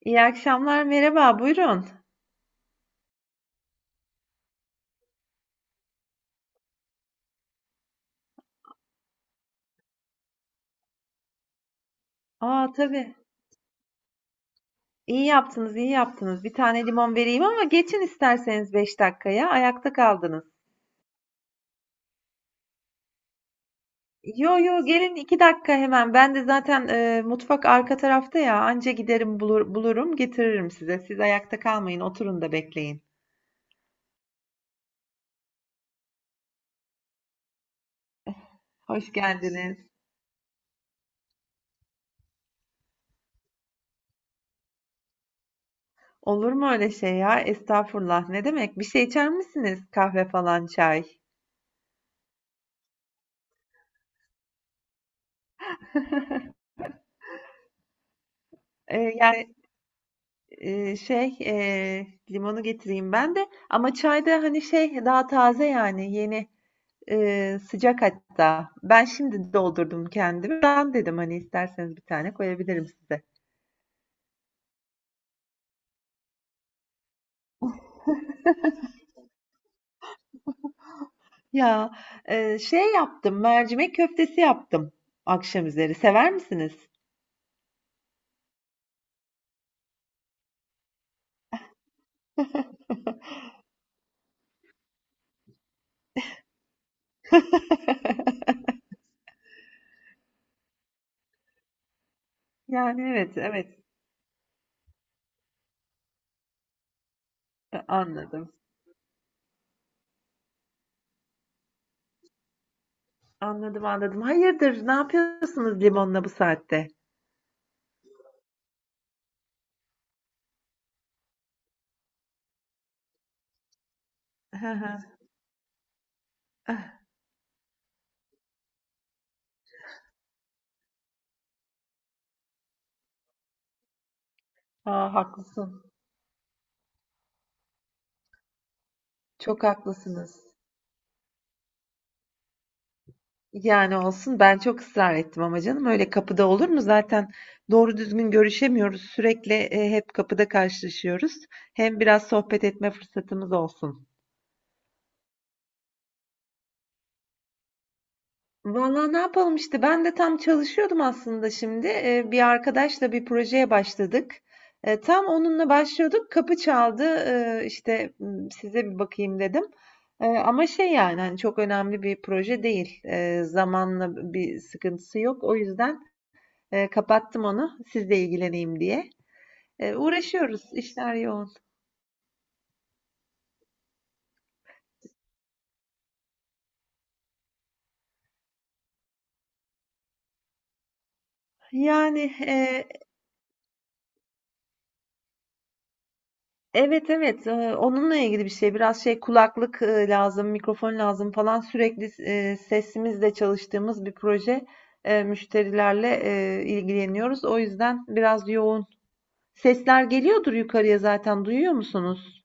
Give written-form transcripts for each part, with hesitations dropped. İyi akşamlar, merhaba, buyurun. Aa, tabii. İyi yaptınız, iyi yaptınız. Bir tane limon vereyim ama geçin isterseniz 5 dakikaya. Ayakta kaldınız. Yo yo, gelin, 2 dakika hemen. Ben de zaten mutfak arka tarafta ya. Anca giderim bulur, bulurum getiririm size. Siz ayakta kalmayın, oturun da bekleyin. Hoş geldiniz. Olur mu öyle şey ya? Estağfurullah. Ne demek? Bir şey içer misiniz? Kahve falan, çay. E, yani Limonu getireyim ben de. Ama çayda hani şey daha taze yani yeni sıcak hatta. Ben şimdi doldurdum kendimi. Ben dedim hani isterseniz bir tane koyabilirim size. Ya Şey yaptım, mercimek köftesi yaptım akşam üzeri. Sever misiniz? Yani evet, evet, anladım. Anladım, anladım. Hayırdır, ne yapıyorsunuz limonla bu saatte? Ha, haklısın. Çok haklısınız. Yani olsun, ben çok ısrar ettim ama canım öyle kapıda olur mu? Zaten doğru düzgün görüşemiyoruz. Sürekli hep kapıda karşılaşıyoruz. Hem biraz sohbet etme fırsatımız olsun. Vallahi ne yapalım işte, ben de tam çalışıyordum aslında şimdi. E, bir arkadaşla bir projeye başladık. E, tam onunla başlıyorduk. Kapı çaldı. Size bir bakayım dedim. E, ama şey, yani hani çok önemli bir proje değil. E, zamanla bir sıkıntısı yok. O yüzden kapattım onu sizle ilgileneyim diye. Uğraşıyoruz. İşler yoğun. Yani evet onunla ilgili bir şey. Biraz şey, kulaklık lazım, mikrofon lazım falan. Sürekli sesimizle çalıştığımız bir proje. Müşterilerle ilgileniyoruz. O yüzden biraz yoğun. Sesler geliyordur yukarıya zaten. Duyuyor musunuz?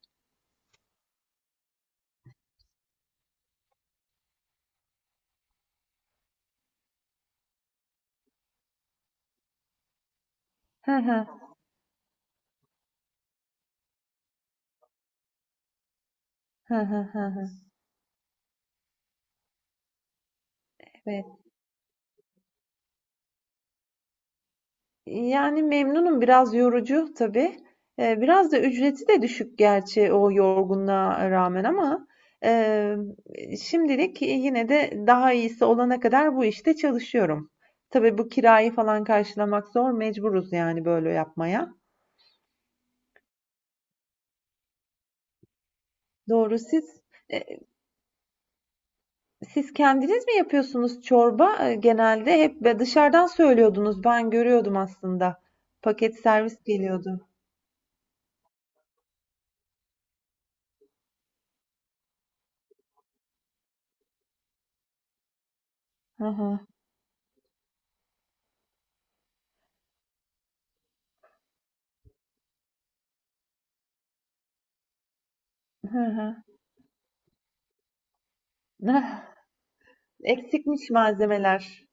Hı hı. Hı hı, hı hı. Evet. Yani memnunum. Biraz yorucu tabii. Biraz da ücreti de düşük gerçi o yorgunluğa rağmen ama, eee, şimdilik yine de daha iyisi olana kadar bu işte çalışıyorum. Tabii bu kirayı falan karşılamak zor. Mecburuz yani böyle yapmaya. Doğru. Eee, Siz kendiniz mi yapıyorsunuz çorba? Genelde hep be dışarıdan söylüyordunuz. Ben görüyordum aslında. Paket servis geliyordu. Hı hı. Hı hı. Eksikmiş malzemeler.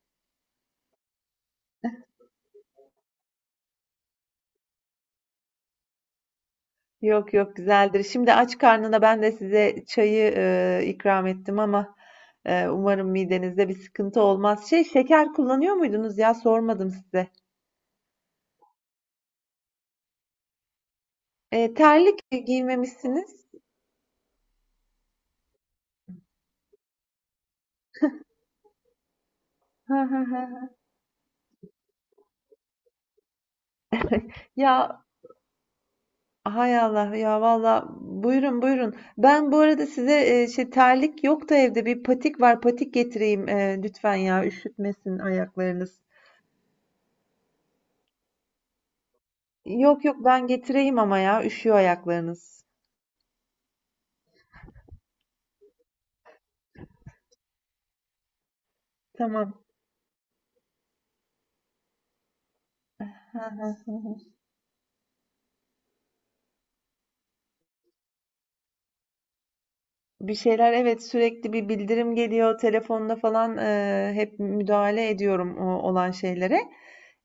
Yok yok, güzeldir. Şimdi aç karnına ben de size çayı ikram ettim ama umarım midenizde bir sıkıntı olmaz. Şey, şeker kullanıyor muydunuz, ya sormadım size. Terlik giymemişsiniz. Ya hay Allah ya, valla buyurun, buyurun. Ben bu arada size şey, terlik yok da evde bir patik var, patik getireyim, lütfen, ya üşütmesin ayaklarınız. Yok yok, ben getireyim ama ya üşüyor ayaklarınız. Tamam. Hı hı, hı hı. Bir şeyler evet, sürekli bir bildirim geliyor telefonda falan, hep müdahale ediyorum olan şeylere.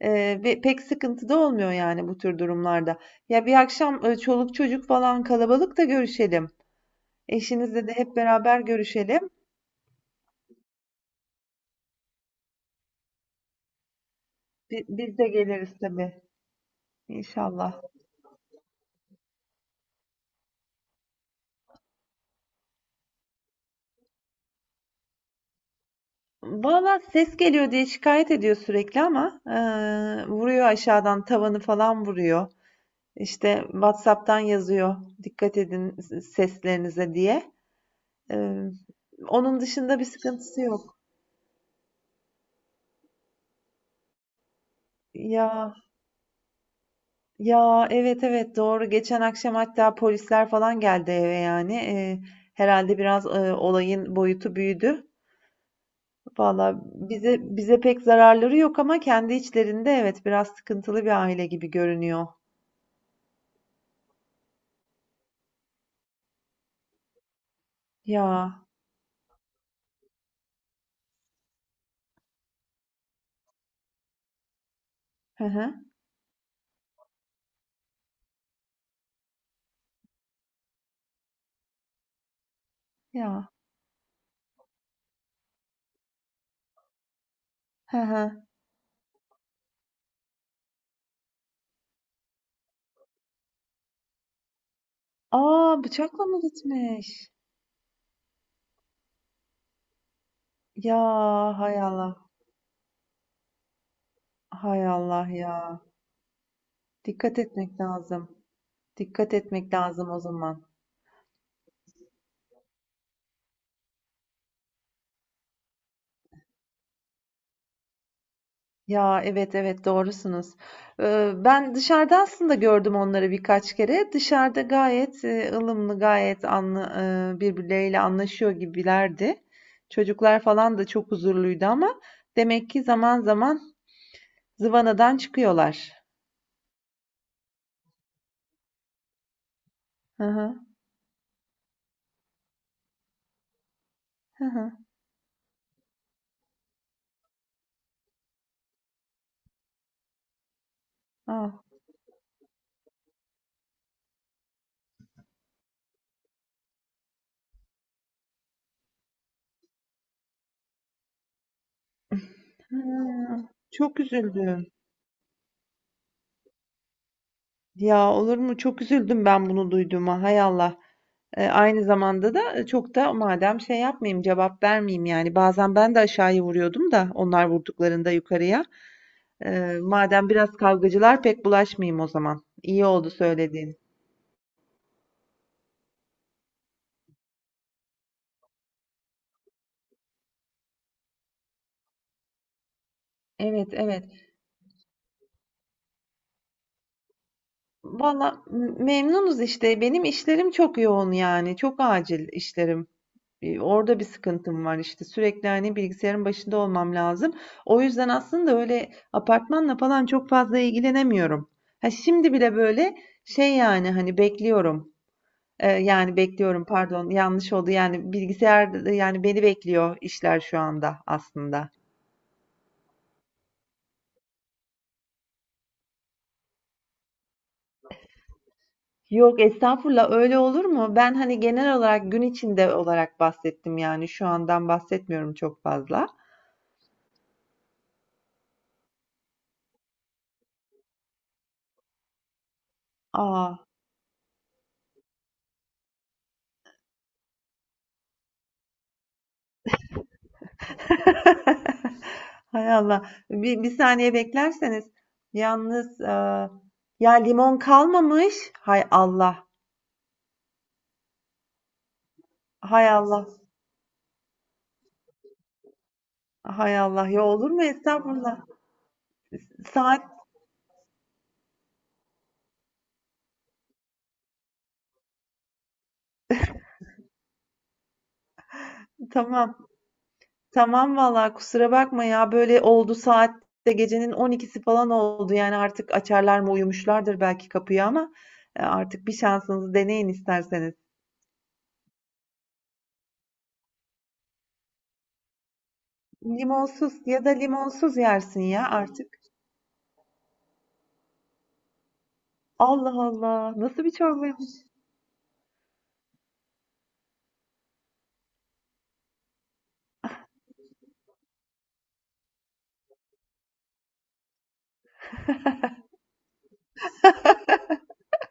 Ve pek sıkıntı da olmuyor yani bu tür durumlarda. Ya bir akşam çoluk çocuk falan kalabalık da görüşelim. Eşinizle de hep beraber görüşelim. Biz de geliriz tabii, inşallah. Valla ses geliyor diye şikayet ediyor sürekli ama vuruyor aşağıdan, tavanı falan vuruyor. İşte WhatsApp'tan yazıyor, dikkat edin seslerinize diye. Ee, Onun dışında bir sıkıntısı yok. Ya ya, evet evet, doğru. Geçen akşam hatta polisler falan geldi eve yani. Herhalde biraz olayın boyutu büyüdü. Valla bize pek zararları yok ama kendi içlerinde evet, biraz sıkıntılı bir aile gibi görünüyor. Ya hı hı, ya hı hı. Aa, bıçakla mı gitmiş? Ya hay Allah. Hay Allah ya. Dikkat etmek lazım. Dikkat etmek lazım o zaman. Ya evet evet, doğrusunuz. Ben dışarıda aslında gördüm onları birkaç kere. Dışarıda gayet ılımlı, gayet birbirleriyle anlaşıyor gibilerdi. Çocuklar falan da çok huzurluydu ama demek ki zaman zaman zıvanadan çıkıyorlar. Hı hı, hı hı. Ah, hı. Çok üzüldüm. Ya olur mu? Çok üzüldüm ben bunu duyduğuma. Hay Allah. Aynı zamanda da çok da madem şey yapmayayım, cevap vermeyeyim yani. Bazen ben de aşağıya vuruyordum da onlar vurduklarında yukarıya. Madem biraz kavgacılar, pek bulaşmayayım o zaman. İyi oldu söylediğin. Evet, evet. Valla memnunuz işte. Benim işlerim çok yoğun yani. Çok acil işlerim. Orada bir sıkıntım var işte. Sürekli hani bilgisayarın başında olmam lazım. O yüzden aslında öyle apartmanla falan çok fazla ilgilenemiyorum. Ha şimdi bile böyle şey, yani hani bekliyorum. Yani bekliyorum, pardon, yanlış oldu, yani bilgisayar yani beni bekliyor işler şu anda aslında. Yok estağfurullah, öyle olur mu? Ben hani genel olarak gün içinde olarak bahsettim, yani şu andan bahsetmiyorum çok fazla. Aa. Hay Allah. Bir saniye beklerseniz. Yalnız ya limon kalmamış. Hay Allah. Hay Allah. Hay Allah. Ya olur mu? Estağfurullah. Saat tamam. Tamam valla, kusura bakma ya, böyle oldu, saat de gecenin 12'si falan oldu yani, artık açarlar mı, uyumuşlardır belki kapıyı ama artık bir şansınızı deneyin isterseniz. Limonsuz, ya da limonsuz yersin ya artık. Allah Allah, nasıl bir çorbaymış?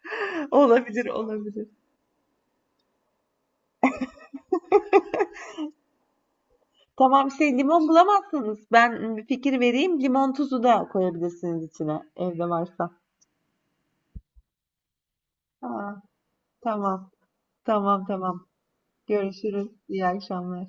Olabilir, olabilir. Tamam, şey, limon bulamazsanız ben bir fikir vereyim, limon tuzu da koyabilirsiniz içine evde varsa. Ha, tamam, tamam, tamam, görüşürüz, iyi akşamlar.